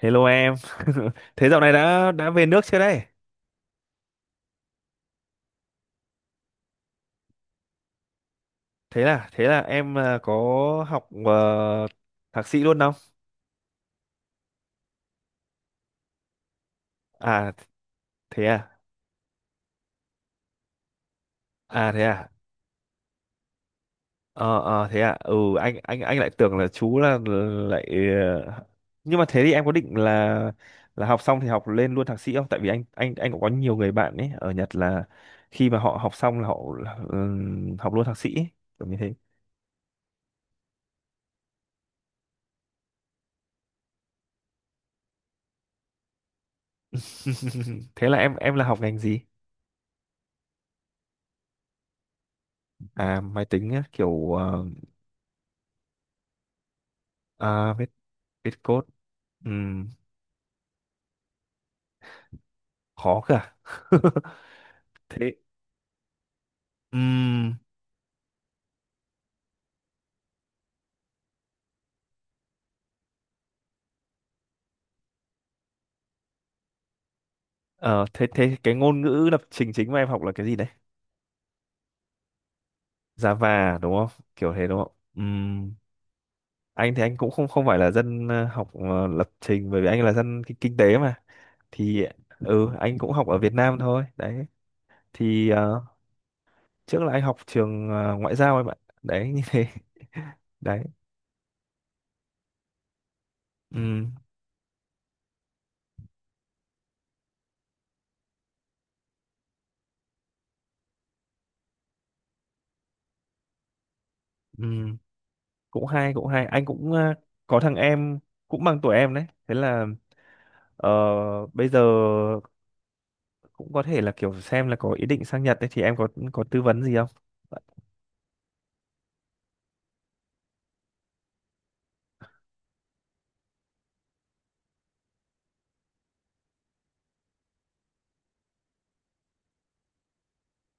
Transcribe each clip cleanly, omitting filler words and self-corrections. Hello em. Thế dạo này đã về nước chưa đây? Thế là em à, có học thạc sĩ luôn không? À thế à. À thế à. Ờ ờ thế à. Ừ, anh lại tưởng là chú là lại ờ, nhưng mà thế thì em có định là học xong thì học lên luôn thạc sĩ không? Tại vì anh cũng có nhiều người bạn ấy ở Nhật là khi mà họ học xong là họ học luôn thạc sĩ ấy, kiểu như thế. thế là em là học ngành gì? À máy tính á, kiểu à, viết code. Ừm, khó cơ à? thế ừm, ờ, thế thế cái ngôn ngữ lập trình chính mà em học là cái gì đấy? Java à, đúng không, kiểu thế đúng không? Anh thì anh cũng không không phải là dân học lập trình bởi vì anh là dân kinh, kinh tế mà thì ừ, anh cũng học ở Việt Nam thôi đấy thì trước là anh học trường ngoại giao em ạ, đấy như thế. đấy. Ừm, ừm, cũng hay, cũng hay, anh cũng có thằng em cũng bằng tuổi em đấy thế là Ờ, bây giờ cũng có thể là kiểu xem là có ý định sang Nhật đấy thì em có tư vấn gì không?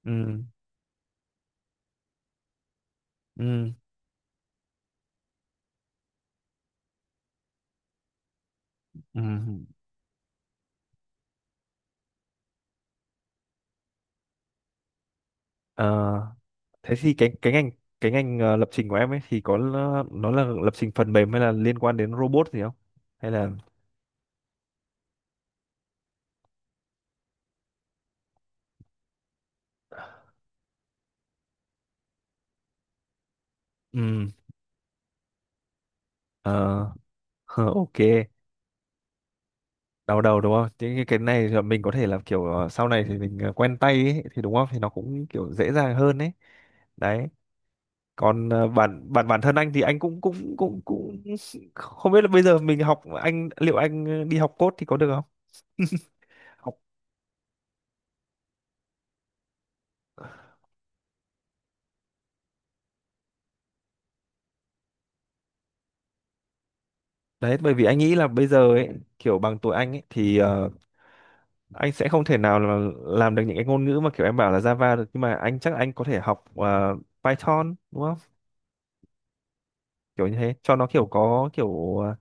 Ừ, ừ, ừ. Ờ, thế thì cái cái ngành lập trình của em ấy thì có l- nó là lập trình phần mềm hay là liên quan đến robot gì không? Hay là ừ, ờ, hờ, ok, đau đầu đúng không? Thế cái này là mình có thể là kiểu sau này thì mình quen tay ấy, thì đúng không? Thì nó cũng kiểu dễ dàng hơn ấy. Đấy. Còn bản bản bản thân anh thì anh cũng cũng cũng cũng không biết là bây giờ mình học anh liệu anh đi học code thì có được không học đấy bởi vì anh nghĩ là bây giờ ấy kiểu bằng tuổi anh ấy thì anh sẽ không thể nào là làm được những cái ngôn ngữ mà kiểu em bảo là Java được, nhưng mà anh chắc anh có thể học Python đúng không, kiểu như thế cho nó kiểu có kiểu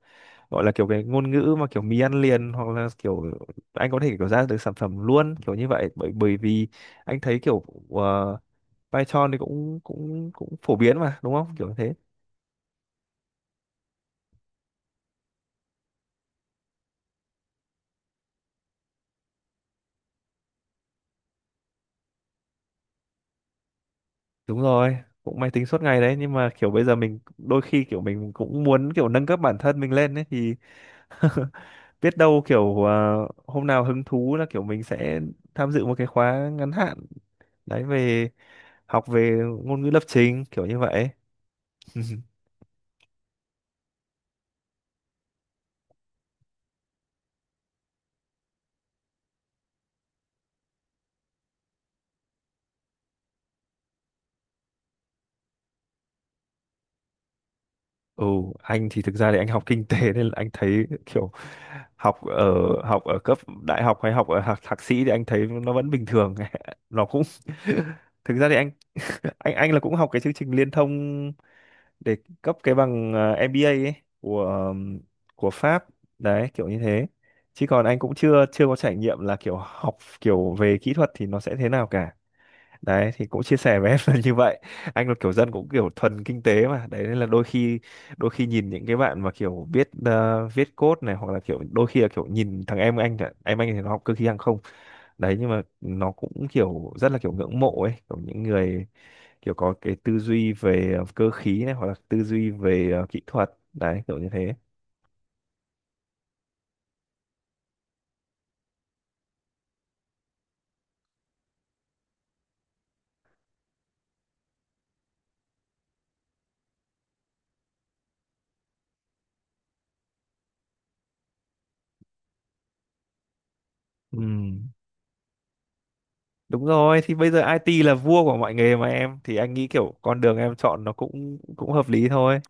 gọi là kiểu cái ngôn ngữ mà kiểu mì ăn liền hoặc là kiểu anh có thể kiểu ra được sản phẩm luôn kiểu như vậy bởi bởi vì anh thấy kiểu ờ, Python thì cũng cũng cũng phổ biến mà đúng không kiểu thế. Đúng rồi, cũng máy tính suốt ngày đấy, nhưng mà kiểu bây giờ mình đôi khi kiểu mình cũng muốn kiểu nâng cấp bản thân mình lên ấy thì biết đâu kiểu à, hôm nào hứng thú là kiểu mình sẽ tham dự một cái khóa ngắn hạn đấy về học về ngôn ngữ lập trình kiểu như vậy. Ừ anh thì thực ra thì anh học kinh tế nên là anh thấy kiểu học ở học ở cấp đại học hay học ở học thạc sĩ thì anh thấy nó vẫn bình thường, nó cũng thực ra thì anh là cũng học cái chương trình liên thông để cấp cái bằng MBA ấy của ờm, của Pháp đấy kiểu như thế, chứ còn anh cũng chưa chưa có trải nghiệm là kiểu học kiểu về kỹ thuật thì nó sẽ thế nào cả. Đấy thì cũng chia sẻ với em là như vậy, anh là kiểu dân cũng kiểu thuần kinh tế mà đấy, nên là đôi khi nhìn những cái bạn mà kiểu biết viết code này hoặc là kiểu đôi khi là kiểu nhìn thằng em anh chẳng- em anh thì nó học cơ khí hàng không đấy, nhưng mà nó cũng kiểu rất là kiểu ngưỡng mộ ấy kiểu những người kiểu có cái tư duy về cơ khí này hoặc là tư duy về kỹ thuật đấy kiểu như thế. Ừ. Đúng rồi, thì bây giờ IT là vua của mọi nghề mà em, thì anh nghĩ kiểu con đường em chọn nó cũng cũng hợp lý thôi,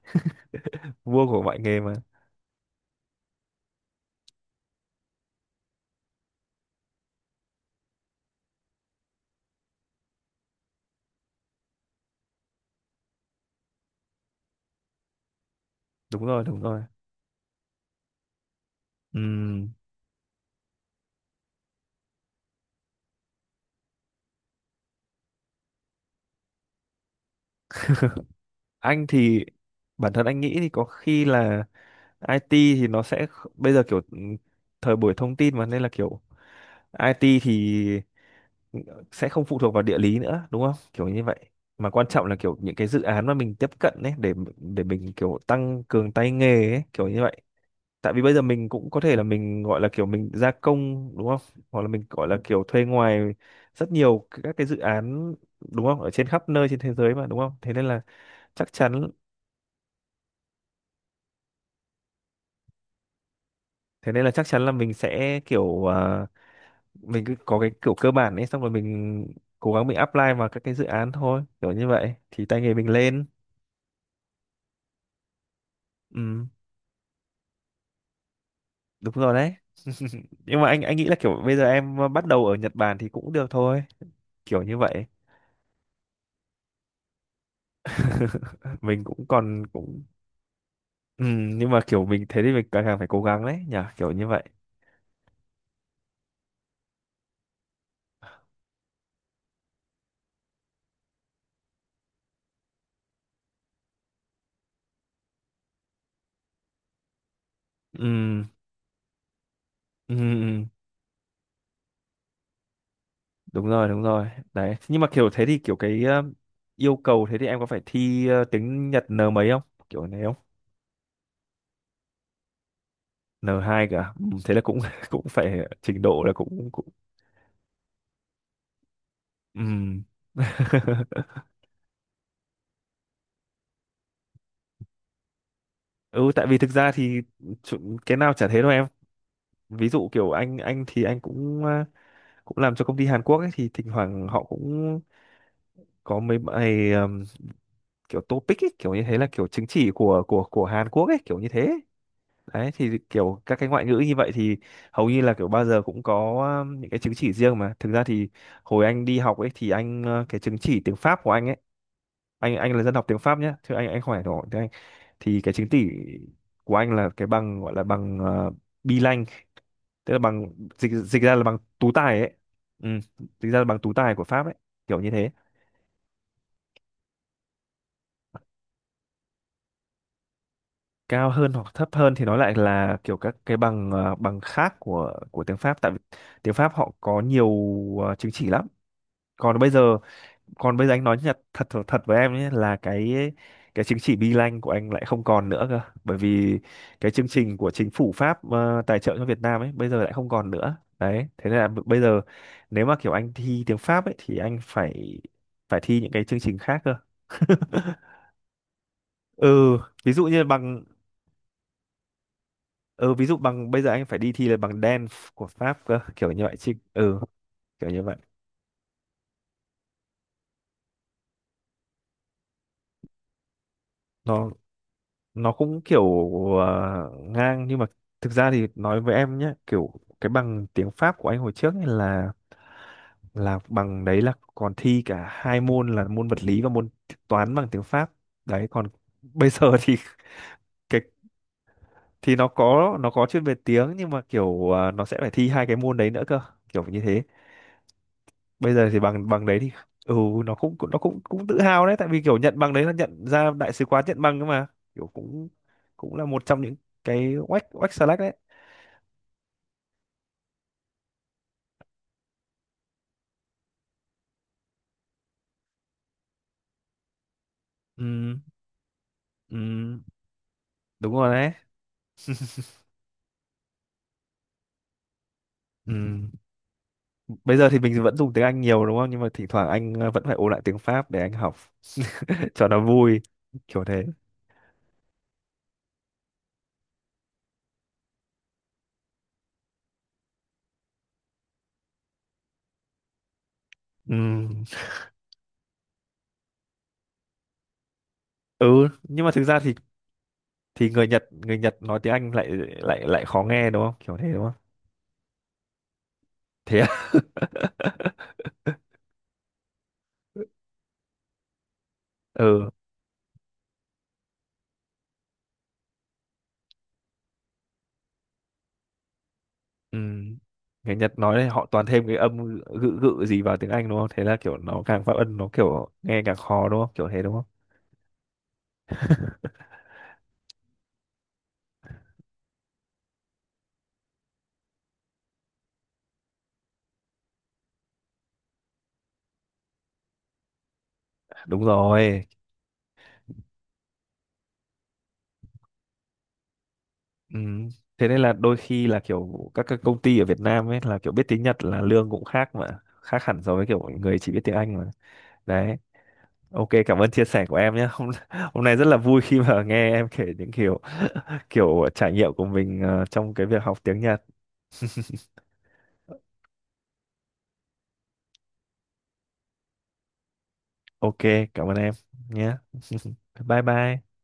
vua của mọi nghề mà. Đúng rồi, đúng rồi. Ừm, anh thì bản thân anh nghĩ thì có khi là IT thì nó sẽ kh- bây giờ kiểu thời buổi thông tin mà nên là kiểu IT thì sẽ không phụ thuộc vào địa lý nữa đúng không kiểu như vậy, mà quan trọng là kiểu những cái dự án mà mình tiếp cận ấy để mình kiểu tăng cường tay nghề ấy kiểu như vậy, tại vì bây giờ mình cũng có thể là mình gọi là kiểu mình gia công đúng không, hoặc là mình gọi là kiểu thuê ngoài rất nhiều các cái dự án đúng không ở trên khắp nơi trên thế giới mà đúng không, thế nên là chắc chắn, là mình sẽ kiểu à, mình cứ có cái kiểu cơ bản ấy xong rồi mình cố gắng mình apply vào các cái dự án thôi kiểu như vậy thì tay nghề mình lên. Ừ, đúng rồi đấy, nhưng mà anh nghĩ là kiểu bây giờ em bắt đầu ở Nhật Bản thì cũng được thôi kiểu như vậy. mình cũng còn cũng ừ, nhưng mà kiểu mình thế thì mình càng càng phải cố gắng đấy nhỉ kiểu như vậy. Ừ, ừ, ừ, đúng rồi, đúng rồi đấy, nhưng mà kiểu thế thì kiểu cái yêu cầu thế thì em có phải thi tiếng Nhật N mấy không, kiểu này không? N hai cả ừ, thế là cũng cũng phải trình độ là cũng cũng ừ. Ừ, tại vì thực ra thì chu- cái nào chả thế đâu em, ví dụ kiểu anh thì anh cũng cũng làm cho công ty Hàn Quốc ấy thì thỉnh thoảng họ cũng có mấy bài kiểu topic ấy, kiểu như thế là kiểu chứng chỉ của Hàn Quốc ấy kiểu như thế. Đấy thì kiểu các cái ngoại ngữ như vậy thì hầu như là kiểu bao giờ cũng có những cái chứng chỉ riêng mà thực ra thì hồi anh đi học ấy thì anh cái chứng chỉ tiếng Pháp của anh ấy, anh là dân học tiếng Pháp nhá chứ anh không phải, thì cái chứng chỉ của anh là cái bằng gọi là bằng uh, B-Lang, tức là bằng dịch dịch ra là bằng tú tài ấy. Ừ, dịch ra là bằng tú tài của Pháp ấy kiểu như thế. Cao hơn hoặc thấp hơn thì nó lại là kiểu các cái bằng bằng khác của tiếng Pháp, tại vì tiếng Pháp họ có nhiều chứng chỉ lắm. Còn bây giờ, anh nói nhật thật thật thật với em nhé là cái chứng chỉ B-Lang của anh lại không còn nữa cơ, bởi vì cái chương trình của chính phủ Pháp tài trợ cho Việt Nam ấy bây giờ lại không còn nữa đấy, thế nên là b- bây giờ nếu mà kiểu anh thi tiếng Pháp ấy thì anh phải phải thi những cái chương trình khác cơ. Ừ, ví dụ như bằng ừ ví dụ bằng bây giờ anh phải đi thi là bằng đen của Pháp cơ kiểu như vậy chứ ừ kiểu như vậy. Nó, cũng kiểu ngang, nhưng mà thực ra thì nói với em nhé kiểu cái bằng tiếng Pháp của anh hồi trước ấy là bằng đấy là còn thi cả hai môn là môn vật lý và môn toán bằng tiếng Pháp, đấy còn bây giờ thì cái thì nó có, nó có chuyên về tiếng, nhưng mà kiểu nó sẽ phải thi hai cái môn đấy nữa cơ kiểu như thế. Bây giờ thì bằng bằng đấy thì ừ, nó cũng cũng tự hào đấy tại vì kiểu nhận bằng đấy là nhận ra đại sứ quán nhận bằng cơ mà, kiểu cũng cũng là một trong những cái oách oách xà lách đấy. Ừ, ừ, đúng rồi đấy. Ừ. Bây giờ thì mình vẫn dùng tiếng Anh nhiều đúng không? Nhưng mà thỉnh thoảng anh vẫn phải ôn lại tiếng Pháp để anh học cho nó vui kiểu thế. Ừ. Ừ, nhưng mà thực ra thì người Nhật, người Nhật nói tiếng Anh lại lại lại khó nghe đúng không? Kiểu thế đúng không? Thế à? ừ, ừ. Người Nhật nói thì họ toàn thêm cái âm gự gự gì vào tiếng Anh đúng không? Thế là kiểu nó càng phát âm nó kiểu nghe càng khó đúng không? Kiểu thế đúng không? Đúng rồi. Ừ. Thế nên là đôi khi là kiểu các công ty ở Việt Nam ấy là kiểu biết tiếng Nhật là lương cũng khác mà khác hẳn so với kiểu người chỉ biết tiếng Anh mà đấy. Ok, cảm ơn chia sẻ của em nhé. hôm hôm nay rất là vui khi mà nghe em kể những kiểu kiểu trải nghiệm của mình trong cái việc học tiếng Nhật. Ok, cảm ơn em nhé. bye bye